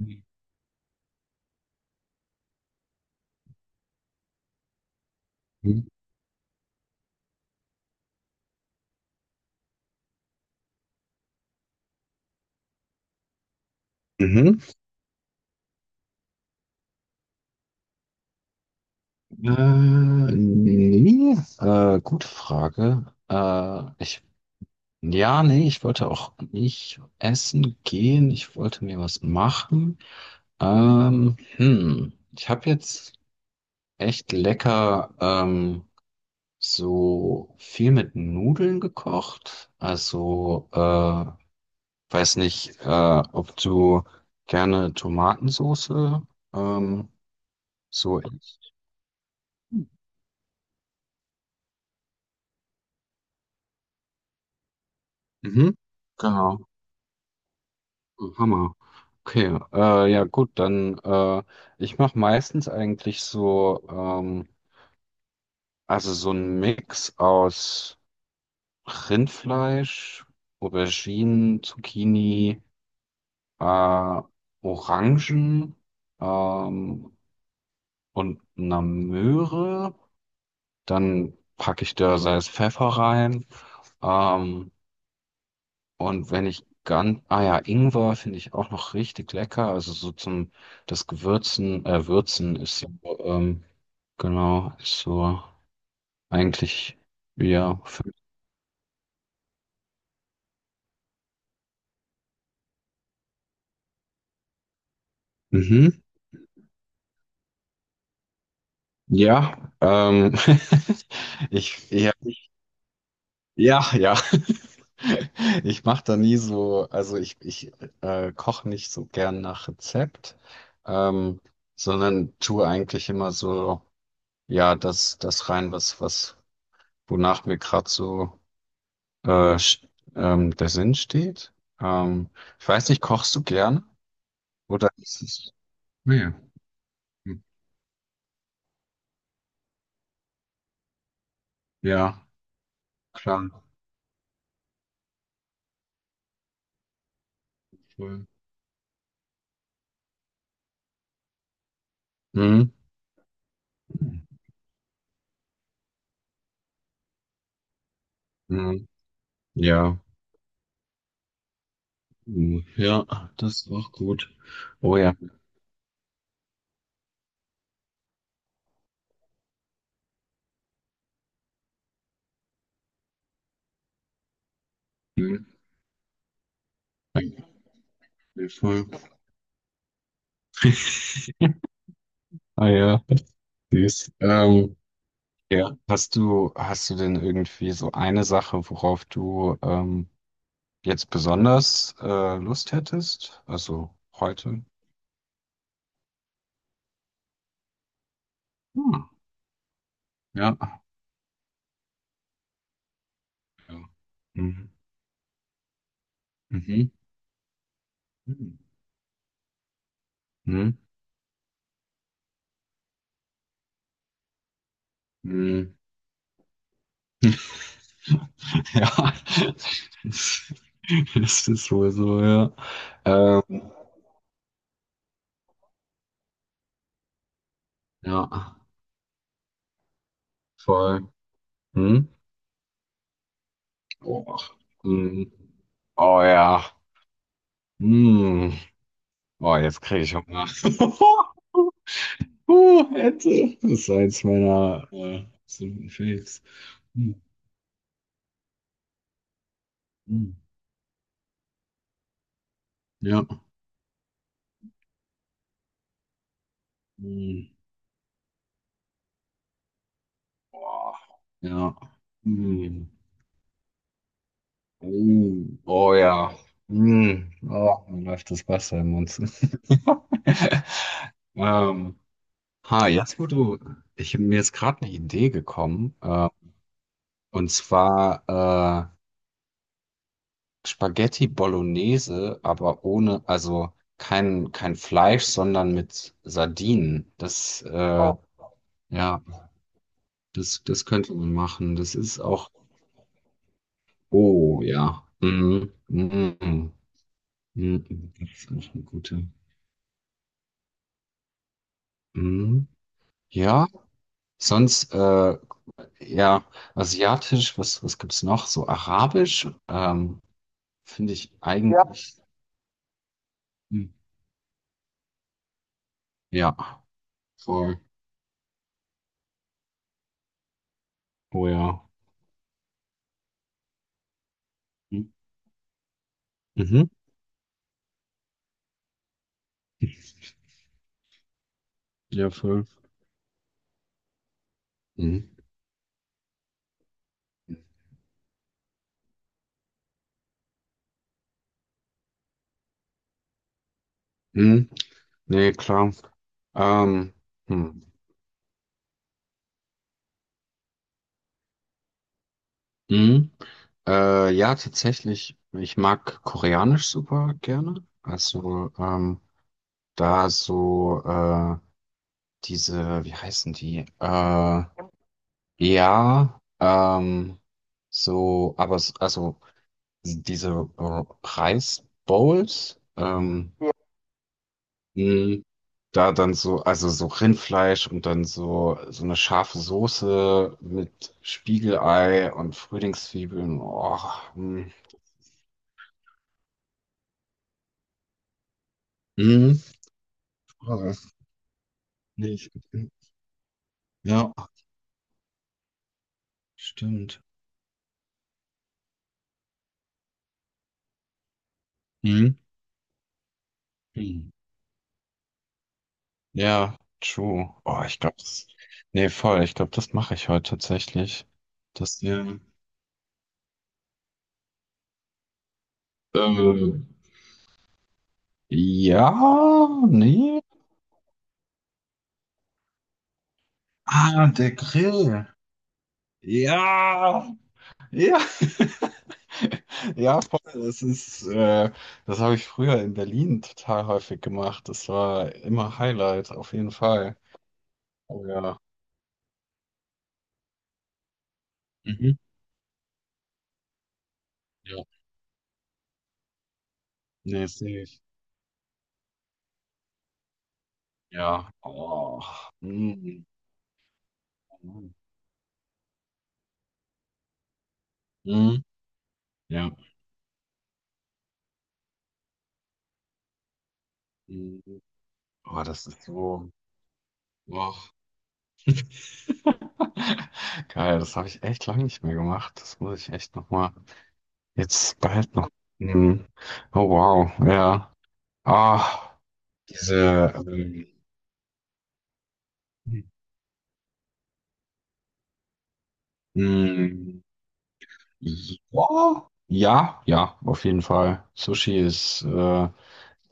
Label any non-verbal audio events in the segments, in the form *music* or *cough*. Mhm. Mhm. Nee, gute Frage. Ja, nee, ich wollte auch nicht essen gehen. Ich wollte mir was machen. Ich habe jetzt echt lecker so viel mit Nudeln gekocht. Also, weiß nicht, ob du gerne Tomatensoße ähm, so isst. Mhm. Genau. Hammer. Okay, ja gut, dann ich mache meistens eigentlich so, also so einen Mix aus Rindfleisch, Auberginen, Zucchini, äh, Orangen, ähm, und einer Möhre. Dann packe ich da Salz, Pfeffer rein. Ähm, Und wenn ich ganz, ah ja, Ingwer finde ich auch noch richtig lecker. Also so zum Würzen ist so, ähm, genau, ist so eigentlich, ja, für, mhm. Ja, *laughs* ich, ja, ich, ja, ja. *laughs* Ich mache da nie so, also ich koche nicht so gern nach Rezept, ähm, sondern tue eigentlich immer so, ja, das rein, was, wonach mir gerade so äh, sch- der Sinn steht. Ähm, ich weiß nicht, kochst du gern? Oder ist es... Nee. Hm. Ja, klar. Voll. Mhm. Mhm. Ja. Mhm. Ja, das ist auch gut. Oh ja. Mhm. Danke. Ja, voll. *laughs* Ah ja, süß. Ja. Hast du denn irgendwie so eine Sache, worauf du jetzt besonders Lust hättest? Also heute? Hm. Ja. Ja. Mhm. Mhm. Mhm. Mhm. Mhm. Ja, *laughs* das das ist wohl so, ja. Ähm, ja, voll. Hm? Oh, hm. Oh ja. Hm. Oh, jetzt kriege ich Hunger. *laughs* Oh, hätte. Das ist eins meiner absoluten Faves. Hm. Hm. Ja. Hm. Boah. Ja. Hm. Oh, oh ja. Hm. Oh, mir läuft das Wasser im Mund. *laughs* Ähm, ha, jetzt wo du, ich bin mir jetzt gerade eine Idee gekommen. Und zwar Spaghetti Bolognese, aber ohne, also kein Fleisch, sondern mit Sardinen. Oh, ja, das könnte man machen. Das ist auch, oh ja. Mhm. Mhm. Mhm. Das ist auch eine gute. Mhm. Ja. Sonst ja, asiatisch, was gibt's noch? So arabisch, finde ich ja eigentlich, hm, ja, voll. Oh ja. Hm. Mhm. Ja, voll. Mhm. Mhm. Nee, klar. Ähm, hm. Mhm. Ja, tatsächlich, ich mag Koreanisch super gerne. Also, da so, diese, wie heißen die? Ja, so, aber s- also diese Reisbowls, ja, mh, da dann so, also so Rindfleisch und dann so, so eine scharfe Soße mit Spiegelei und Frühlingszwiebeln. Oh, mh. Mhm. Oh, nicht. Ja, stimmt. Mhm. Mhm. Ja, true. Oh, ich glaube, das, nee, voll, ich glaube, das mache ich heute tatsächlich. Das, ja. Ähm, ja, nee. Ah, der Grill. Ja, ja, *laughs* ja, voll. Das habe ich früher in Berlin total häufig gemacht. Das war immer Highlight, auf jeden Fall. Oh ja. Mhm. Ja. Nee, sehe ich. Ja. Oh. Mhm. Mhm. Ja. Mhm. Oh, das ist so. Oh. *laughs* Geil, das habe ich echt lange nicht mehr gemacht. Das muss ich echt nochmal jetzt bald noch nehmen. Oh wow, ja. Ah. Diese, ähm, mh, ja, ja, auf jeden Fall. Sushi ist, äh,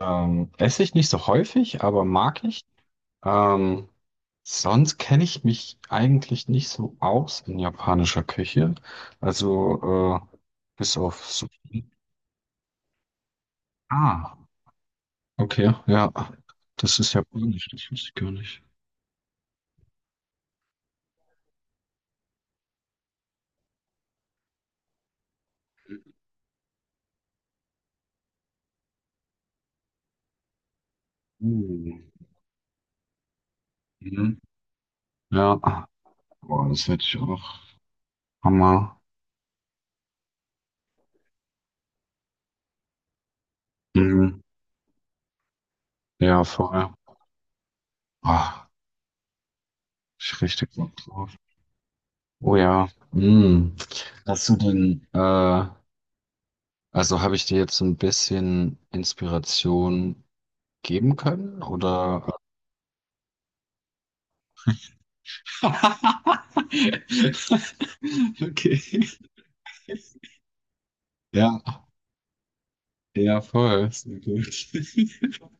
ähm, esse ich nicht so häufig, aber mag ich. Ähm, sonst kenne ich mich eigentlich nicht so aus in japanischer Küche. Also, bis auf Sushi. Ah, okay, ja. Das ist japanisch, das wusste ich gar nicht. Uh, mhm. Ja, boah, das hätte ich auch. Hammer. Mhm. Ja, voll. Ah, ich richtig Bock drauf. Oh ja. Mm. Hast du denn, äh, also habe ich dir jetzt ein bisschen Inspiration geben können? Oder? *laughs* Okay. Ja, ja, voll. Sehr gut. *laughs*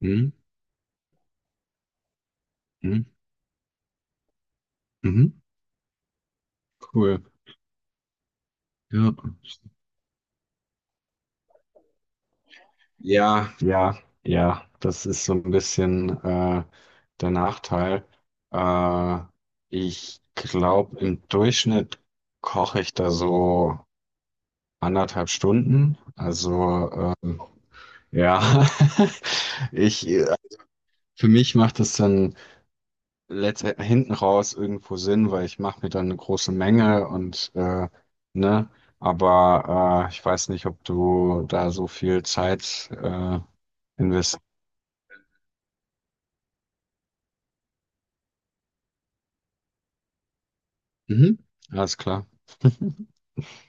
Mhm. Mhm. Mhm. Cool. Ja. Ja, ja, ja, das ist so ein bisschen der Nachteil. Äh, ich glaube, im Durchschnitt koche ich da so 1,5 Stunden. Also ja, *laughs* ich für mich macht das dann letzte, hinten raus irgendwo Sinn, weil ich mache mir dann eine große Menge und ne, aber ich weiß nicht, ob du da so viel Zeit Mhm. Alles klar.